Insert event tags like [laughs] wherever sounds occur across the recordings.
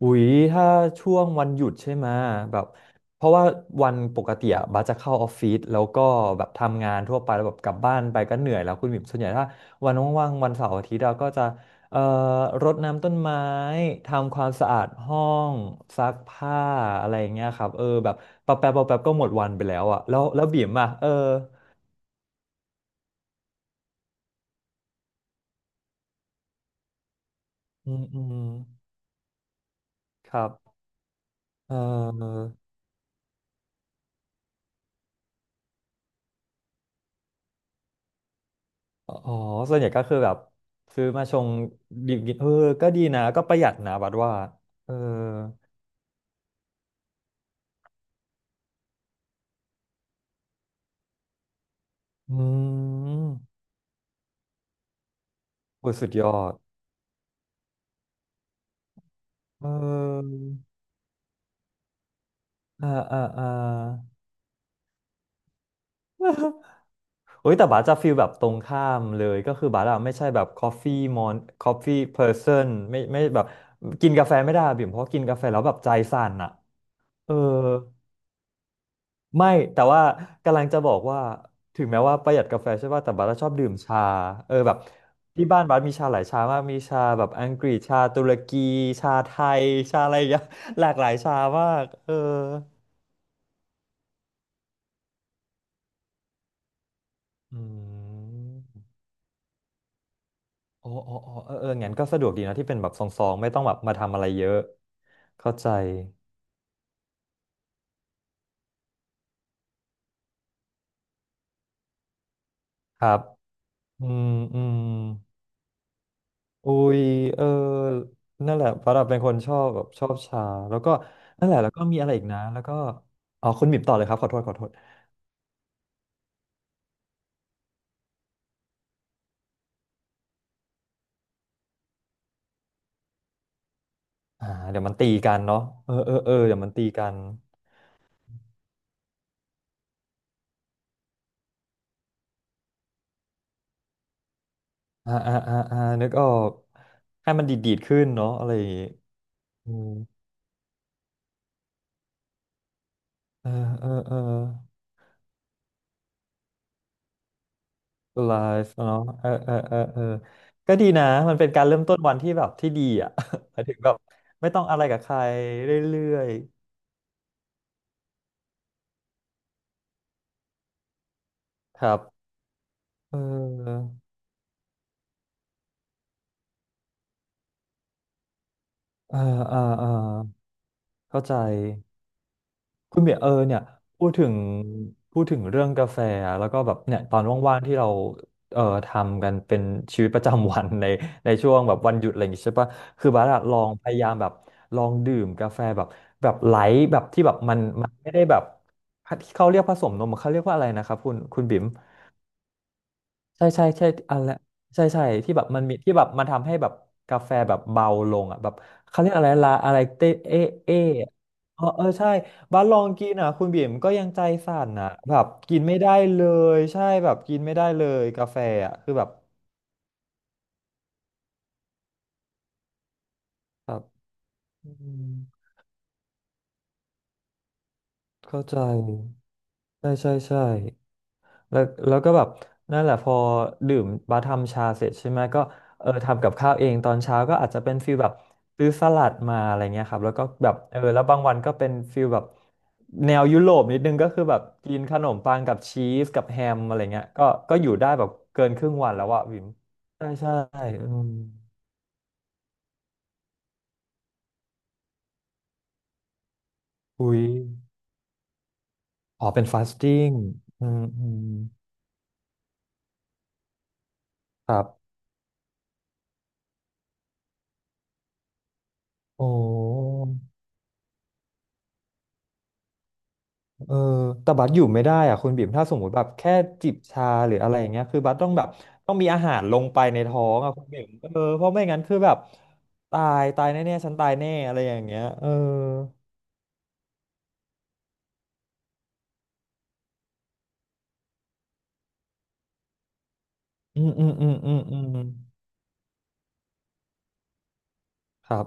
อุ๊ยถ้าช่วงวันหยุดใช่ไหมแบบเพราะว่าวันปกติอะบัสจะเข้าออฟฟิศแล้วก็แบบทำงานทั่วไปแล้วแบบกลับบ้านไปก็เหนื่อยแล้วคุณบิ่มส่วนใหญ่ถ้าวันว่างๆวันเสาร์อาทิตย์เราก็จะเอ่อรดน้ำต้นไม้ทำความสะอาดห้องซักผ้าอะไรอย่างเงี้ยครับเออแบบปะแป๊บปะแป๊บก็หมดวันไปแล้วอะแล้วบิ่มอะเอออืมอืมครับเออ อ๋อส่วนใหญ่ก็คือแบบซื้อมาชงดื่มกินเออก็ดีนะก็ประหยัดนะบัดว่าเอออืมโอ้ยสุดยอดเอออ่าอ่าอ่า [laughs] โอ้ยแต่บาสจะฟีลแบบตรงข้ามเลยก็คือบาสอะไม่ใช่แบบ coffee mon coffee person ไม่แบบกินกาแฟไม่ได้อะบิ่มเพราะกินกาแฟแล้วแบบใจสั่นอะเออ ไม่แต่ว่ากำลังจะบอกว่าถึงแม้ว่าประหยัดกาแฟใช่ป่ะแต่บัสชอบดื่มชาเออแบบที่บ้านบัสมีชาหลายชามากมีชาแบบอังกฤษชาตุรกีชาไทยชาอะไรอย่างเงี้ย [laughs] หลากหลายชามากเอออืมโอ้โอ้โอ้เออเอองั้นก็สะดวกดีนะที่เป็นแบบซองๆไม่ต้องแบบมาทำอะไรเยอะเข้าใจครับอืมอืม อุ้ยเออนั่นแหละปราะดับเป็นคนชอบแบบชอบชา แล้วก็นั่นแหละ แล้วก็มีอะไรอีกนะแล้วก็อ๋อคุณบิบต่อเลยครับ ขอโทษขอโทษอ่าเดี๋ยวมันตีกันเนาะเออเออเออเดี๋ยวมันตีกันอ่าอ่าอ่าอ่านึกออกให้มันดีดดีดขึ้นเนาะอะไรอย่างงี้อืมเออเออเออไลฟ์เนาะเออเออเออเออก็ดีนะ มันเป็นการเริ่มต้นวันที่แบบที่ดีอ่ะ [laughs] หมายถึงแบบไม่ต้องอะไรกับใครเรื่อยๆ ครับ เอออ่าอ่าอ่า เข้าใจคุณเบียร์เออเนี่ยพูดถึงพูดถึงเรื่องกาแฟอะแล้วก็แบบเนี่ยตอนว่างๆที่เราทำกันเป็นชีวิตประจำวัน [laughs] ในในช่วงแบบวันหยุดอะไรอย่างงี้ใช่ปะคือบาร์อะลองพยายามแบบลองดื่มกาแฟแบบแบบไลท์แบบที่แบบมันมันไม่ได้แบบเขาเรียกผสมนมเขาเรียกว่าอะไรนะครับคุณบิ๋ม ใช่ใช่ใช่อะไรใช่ใช่ที่แบบมันมีที่แบบมันทำให้แบบกาแฟแบบเบาลงอ่ะแบบเขาเรียกอะไรลาอะไรเตเอเออะเออเออใช่บ้านลองกินอ่ะคุณบิ่มก็ยังใจสั่นอ่ะแบบกินไม่ได้เลยใช่แบบกินไม่ได้เลยกาแฟอ่ะคือแบบแบบอืมเข้าใจใช่ใช่ใช่ แล้วแล้วก็แบบนั่นแหละพอดื่มบาทำชาเสร็จใช่ไหมก็เออทำกับข้าวเองตอนเช้าก็อาจจะเป็นฟีลแบบซื้อสลัดมาอะไรเงี้ยครับแล้วก็แบบเออแล้วบางวันก็เป็นฟีลแบบแนวยุโรปนิดนึงก็คือแบบกินขนมปังกับชีสกับแฮมอะไรเงี้ยก็ก็อยู่ได้แบบเกินครึ่งวันแล้วอะวิมใช่ใช่อืมอุ้ยอ๋อเป็นฟาสติ้งอืมอืมครับโอ้ เออแต่บัสอยู่ไม่ได้อ่ะคุณบิ่มถ้าสมมุติแบบแค่จิบชาหรืออะไรอย่างเงี้ยคือบัสต้องแบบต้องมีอาหารลงไปในท้องอ่ะคุณบิ่มเออเพราะไม่งั้นคือแบบตายตายแน่ๆฉันตายแน่อะไรอย่างเงี้ยเอออืมอืมอืมอืมอืมครับ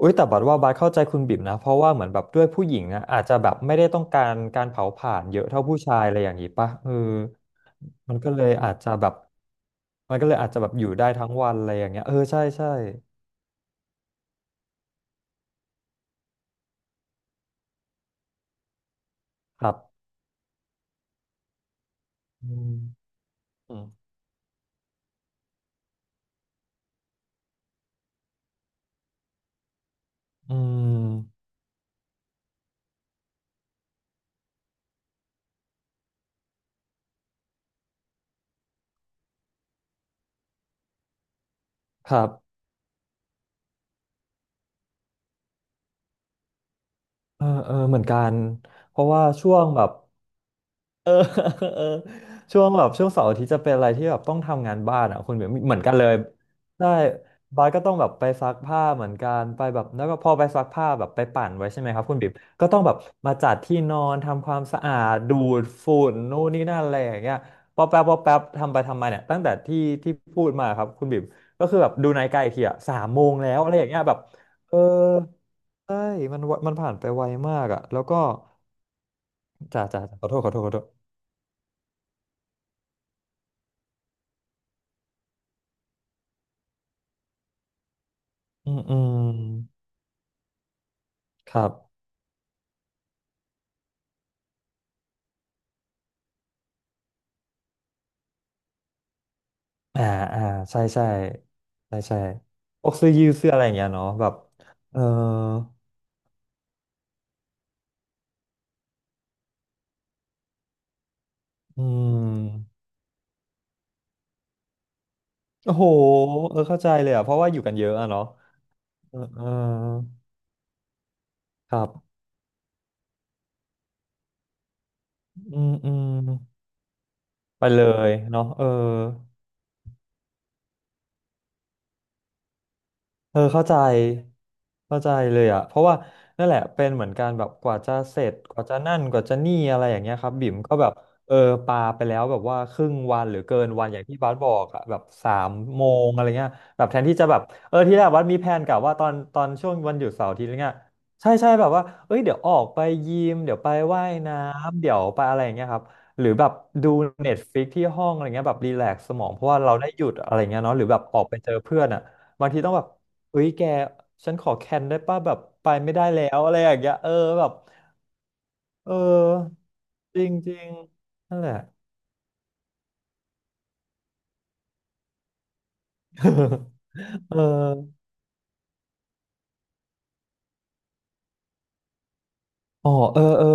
อุ้ยแต่บัดว่าบัดเข้าใจคุณบิ่มนะเพราะว่าเหมือนแบบด้วยผู้หญิงนะอาจจะแบบไม่ได้ต้องการการเผาผลาญเยอะเท่าผู้ชายอะไรอย่างงี้ป่ะเออมันก็เลยอาจจะแบบมันก็เลยอาจจะแบบอยู่ได้ทั้งวันอะไรอย่างเงี้ยเออใช่ใช่ครับอืม อืมครับเออเออเหมือนกันเพราะว่าช่วงแบบเออ [laughs] เออช่วงแบบช่วงเสาร์อาทิตย์จะเป็นอะไรที่แบบต้องทำงานบ้านอ่ะคุณแบบเหมือนกันเลยได้บาสก็ต้องแบบไปซักผ้าเหมือนกันไปแบบแล้วก็พอไปซักผ้าแบบไปปั่นไว้ใช่ไหมครับคุณบิ๊บก็ต้องแบบมาจัดที่นอนทำความสะอาดดูดฝุ่นนู่นนี่นั่นอะไรอย่างเงี้ยพอแป๊บพอแป๊บทำไปทำมาเนี่ยตั้งแต่ที่ที่พูดมาครับคุณบิ๊บก็คือแบบดูนาฬิกาอีกทีอ่ะสามโมงแล้วอะไรอย่างเงี้ยแบบเออ ใช่มันมันผ่านไปไวมากอ่ะแล้วก็จ่าจ่าขอโทษขอโทษขอโทษอืมอืมครับอ่าอ่าใช่ใช่ใช่ใช่พวกเสื้อยืดเสื้ออะไรอย่างเงี้ยเนาะแบบเอออืมโอ้โหเออเข้าใจเลยอ่ะเพราะว่าอยู่กันเยอะอ่ะเนาะเออเออครับอืมอืมไปเลยเนาะเออ เออเข้าใจเข้าใจเลยอ่ะเพราะว่านั่นแหละเป็นเหมือนกันแบบกว่าจะเสร็จกว่าจะนั่นกว่าจะนี่อะไรอย่างเงี้ยครับบิ่มก็แบบเออปาไปแล้วแบบว่าครึ่งวันหรือเกินวันอย่างที่บาสบอกอ่ะแบบสามโมงอะไรเงี้ยแบบแทนที่จะแบบเออที่แรกบัสมีแผนกะว่าตอนช่วงวันหยุดเสาร์อาทิตย์อะไรเงี้ยใช่ใช่แบบว่าเอ้ยเดี๋ยวออกไปยิมเดี๋ยวไปว่ายน้ำเดี๋ยวไปอะไรอย่างเงี้ยครับหรือแบบดูเน็ตฟลิกที่ห้องอะไรเงี้ยแบบรีแลกซ์สมองเพราะว่าเราได้หยุดอะไรเงี้ยเนาะหรือแบบออกไปเจอเพื่อนอ่ะ บางทีต้องแบบเอ้ยแกฉันขอแคนได้ป่ะแบบไปไม่ได้แล้วอะไรอย่างเงี้ยเออแบบเออจริงจริงนั่นแหละ [laughs] เอออ๋อ เออเออ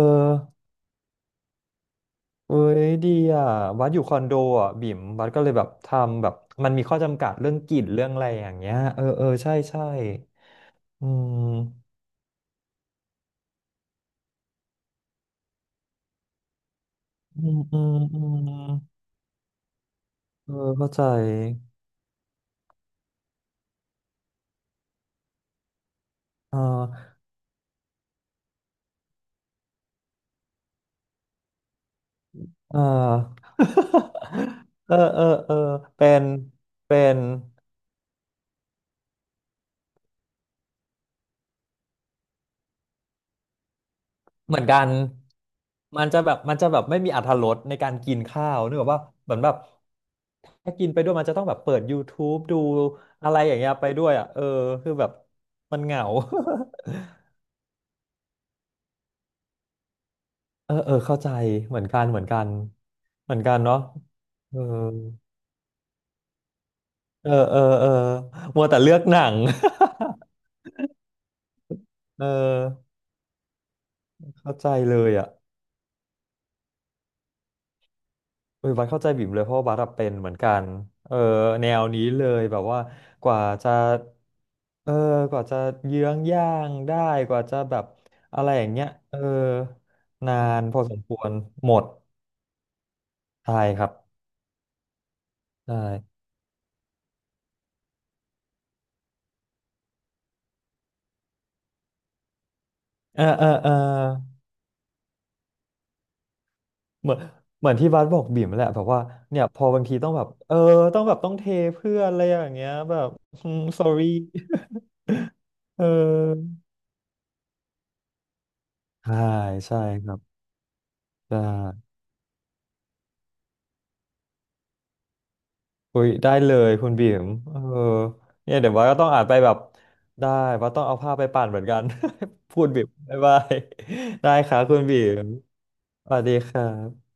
เอ้ยดีอ่ะวัดอยู่คอนโดอ่ะบิ่มวัดก็เลยแบบทำแบบมันมีข้อจำกัดเรื่องกลิ่นเรื่องอะไรอย่างเงี้ยเออเออใช่ใช่อืมอืมอืมอืมเออเข้าใจอ่าอ่า [laughs] เออเออเออเป็นเป็น เหมือนกันมันจะแบบไม่มีอรรถรสในการกินข้าวนึกออกว่าเหมือนแบบถ้ากินไปด้วยมันจะต้องแบบเปิด YouTube ดูอะไรอย่างเงี้ยไปด้วยอ่ะเออคือแบบมันเหงา [laughs] เออเออเข้าใจเหมือนกันเหมือนกันเหมือนกันเนาะเออเออเออเออมัวแต่เลือกหนัง [laughs] เออเข้าใจเลยอ่ะ เออบัสเข้าใจบิ่มเลยเพราะว่าบัสอะเป็นเหมือนกันเออแนวนี้เลยแบบว่ากว่าจะเออกว่าจะเยื้องย่างได้กว่าจะแบบอะไรอย่างเงี้ยเออนานพอสมควรหมดใช่ครับใช่เออเออเออเหมือนเหมือนที่บัสบอกบิ่มแหละแบบว่าเนี่ยพอบางทีต้องแบบเออต้องเทเพื่อนอะไรอย่างเงี้ยแบบอืม sorry [laughs] เออใช่ใช่ครับใช่ อุ้ยได้เลยคุณบีมเออเนี่ยเดี๋ยวว่าก็ต้องอ่านไปแบบได้ว่าต้องเอาผ้าไปปั่นเหมือนกัน [laughs] พูดบีมบ๊ายบาย [laughs] ได้ครับคุณบีมสวัสดีครับ